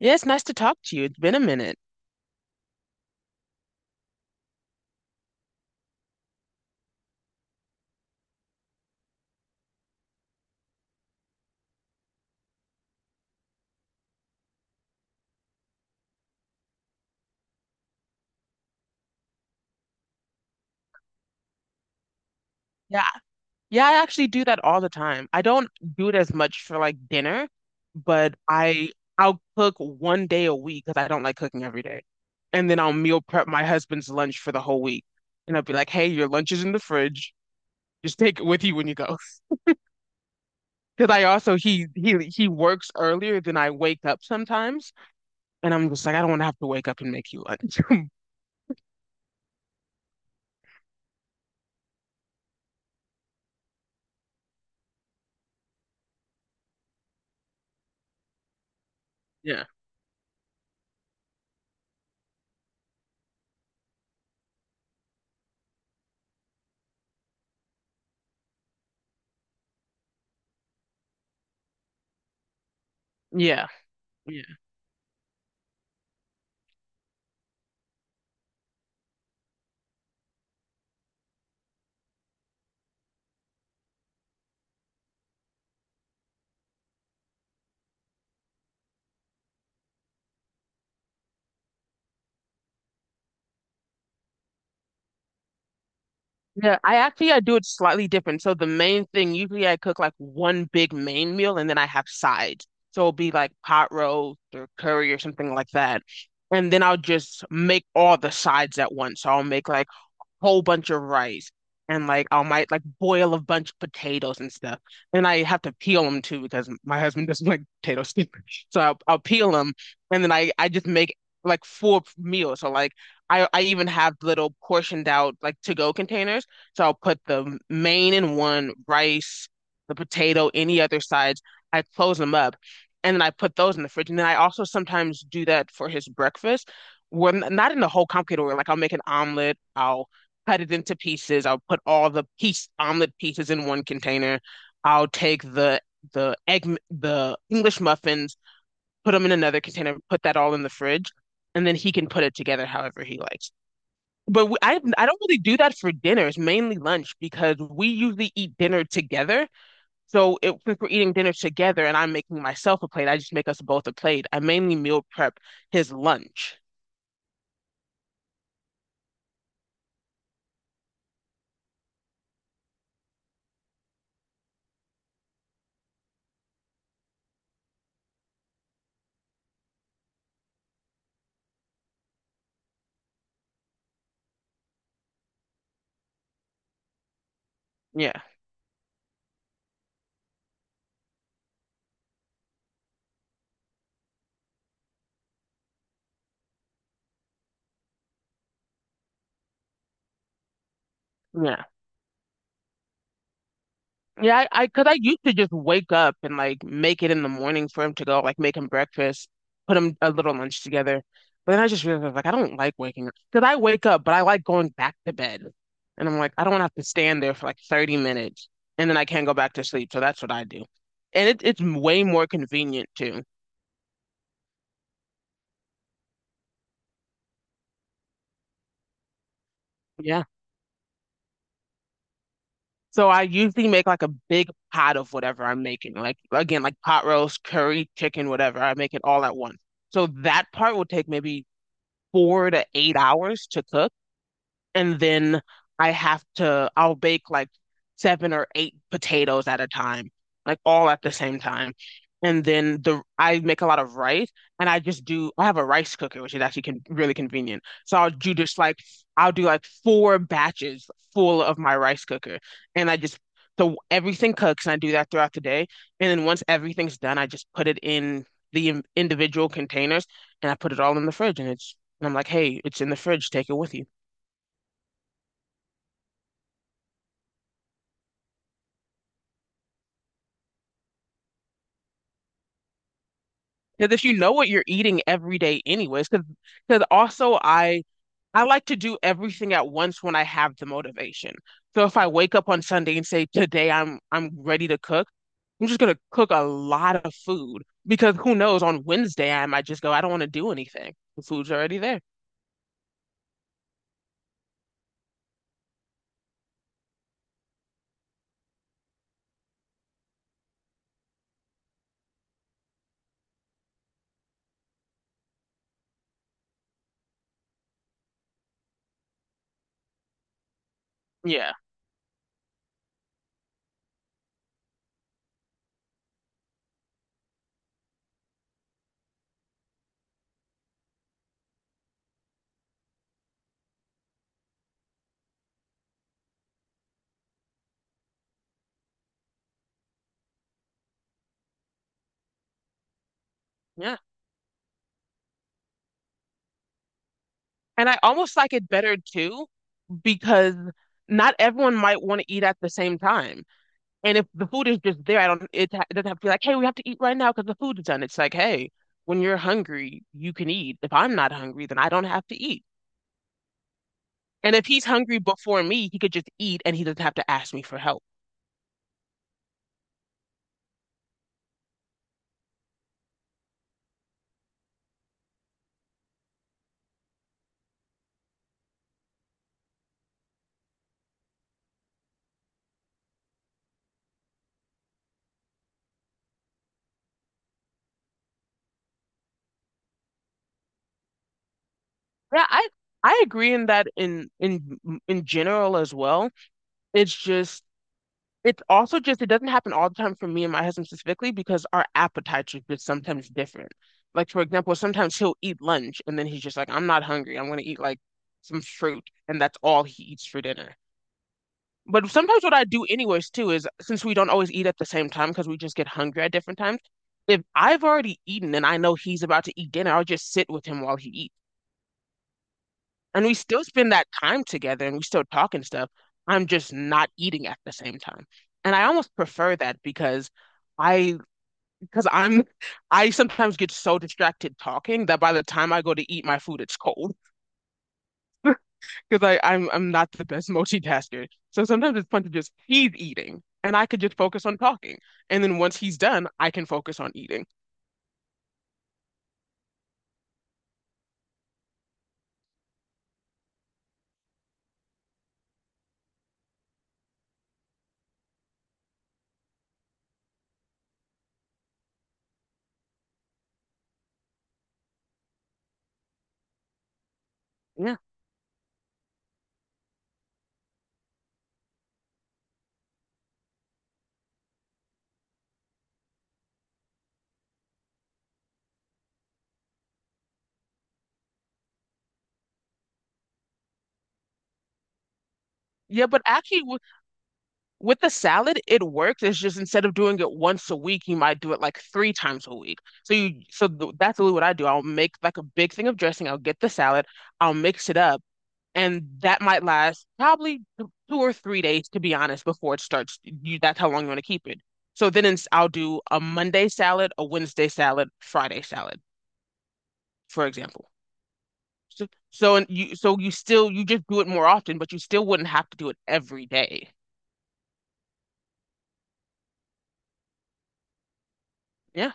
Yes, nice to talk to you. It's been a minute. Yeah. Yeah, I actually do that all the time. I don't do it as much for like dinner, but I'll cook 1 day a week because I don't like cooking every day. And then I'll meal prep my husband's lunch for the whole week. And I'll be like, "Hey, your lunch is in the fridge. Just take it with you when you go." Because I also he works earlier than I wake up sometimes, and I'm just like, I don't want to have to wake up and make you lunch. Yeah. Yeah. Yeah, I actually I do it slightly different. So the main thing, usually I cook like one big main meal and then I have sides. So it'll be like pot roast or curry or something like that. And then I'll just make all the sides at once. So I'll make like whole bunch of rice and like I might like boil a bunch of potatoes and stuff. And I have to peel them too because my husband doesn't like potatoes. So I'll peel them and then I just make like four meals. So like I even have little portioned out like to go containers. So I'll put the main in one, rice, the potato, any other sides. I close them up and then I put those in the fridge. And then I also sometimes do that for his breakfast. When not in the whole complicated order, like I'll make an omelet, I'll cut it into pieces. I'll put all the piece omelet pieces in one container. I'll take the English muffins, put them in another container, put that all in the fridge, and then he can put it together however he likes. But I don't really do that for dinners, mainly lunch because we usually eat dinner together. So since we're eating dinner together and I'm making myself a plate, I just make us both a plate. I mainly meal prep his lunch. Yeah, yeah. Yeah, cause I used to just wake up and like make it in the morning for him to go, like make him breakfast, put him a little lunch together. But then I just realized like I don't like waking up. Cause I wake up, but I like going back to bed. And I'm like, I don't want to have to stand there for like 30 minutes and then I can't go back to sleep. So that's what I do. And it's way more convenient too. Yeah. So I usually make like a big pot of whatever I'm making. Like again, like pot roast, curry, chicken, whatever. I make it all at once. So that part will take maybe 4 to 8 hours to cook and then I have to I'll bake like 7 or 8 potatoes at a time, like all at the same time. And then the I make a lot of rice and I just do I have a rice cooker, which is actually con really convenient. So I'll do just like I'll do like 4 batches full of my rice cooker. And I just so everything cooks and I do that throughout the day. And then once everything's done, I just put it in the individual containers and I put it all in the fridge and it's and I'm like, hey, it's in the fridge, take it with you. Because if you know what you're eating every day anyways, because because also I like to do everything at once when I have the motivation. So if I wake up on Sunday and say, today I'm ready to cook, I'm just gonna cook a lot of food because who knows, on Wednesday I might just go, I don't want to do anything. The food's already there. Yeah, yeah. And I almost like it better too because not everyone might want to eat at the same time. And if the food is just there, I don't, it, ha- it doesn't have to be like, hey, we have to eat right now because the food is done. It's like, hey, when you're hungry, you can eat. If I'm not hungry, then I don't have to eat. And if he's hungry before me, he could just eat and he doesn't have to ask me for help. Yeah, I agree in that in in general as well. It's just it's also just, it doesn't happen all the time for me and my husband specifically because our appetites are just sometimes different. Like, for example, sometimes he'll eat lunch and then he's just like, I'm not hungry. I'm going to eat like some fruit. And that's all he eats for dinner. But sometimes what I do, anyways, too, is since we don't always eat at the same time because we just get hungry at different times, if I've already eaten and I know he's about to eat dinner, I'll just sit with him while he eats. And we still spend that time together and we still talk and stuff. I'm just not eating at the same time. And I almost prefer that because I I'm I sometimes get so distracted talking that by the time I go to eat my food, it's cold because I'm not the best multitasker. So sometimes it's fun to just he's eating and I could just focus on talking. And then once he's done, I can focus on eating. Yeah. Yeah, but actually it was with the salad, it works. It's just instead of doing it once a week, you might do it like three times a week. So you, so th that's really what I do. I'll make like a big thing of dressing. I'll get the salad. I'll mix it up, and that might last probably 2 or 3 days, to be honest, before it starts. You, that's how long you want to keep it. So then it's, I'll do a Monday salad, a Wednesday salad, Friday salad, for example. So, so you still you just do it more often, but you still wouldn't have to do it every day. Yeah.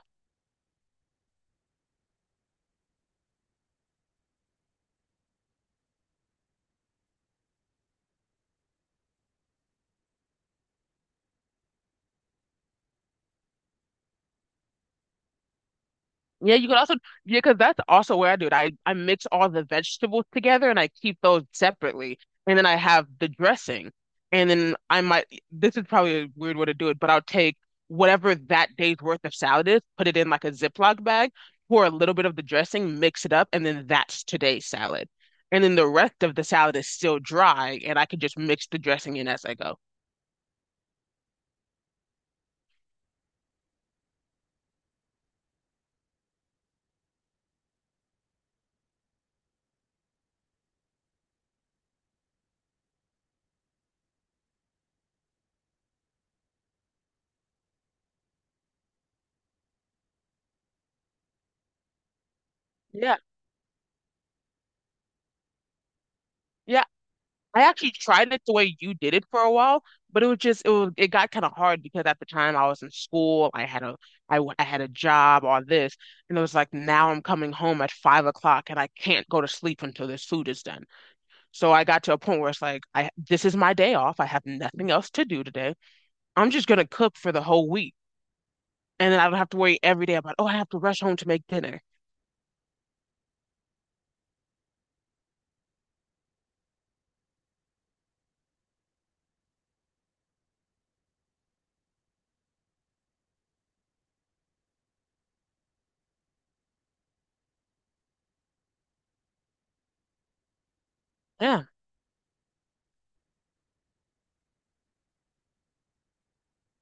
Yeah, you could also, yeah, because that's also where I do it. I mix all the vegetables together and I keep those separately. And then I have the dressing. And then this is probably a weird way to do it, but I'll take whatever that day's worth of salad is, put it in like a Ziploc bag, pour a little bit of the dressing, mix it up, and then that's today's salad. And then the rest of the salad is still dry, and I can just mix the dressing in as I go. Yeah. Yeah, I actually tried it the way you did it for a while, but it was just it was it got kind of hard because at the time I was in school, I had a I had a job or this, and it was like now I'm coming home at 5 o'clock and I can't go to sleep until this food is done. So I got to a point where it's like I this is my day off. I have nothing else to do today. I'm just gonna cook for the whole week, and then I don't have to worry every day about oh I have to rush home to make dinner. Yeah,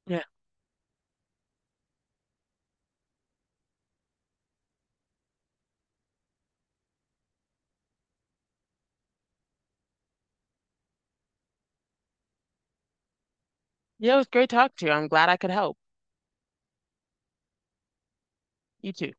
yeah, yeah. It was great talking to you. I'm glad I could help. You too.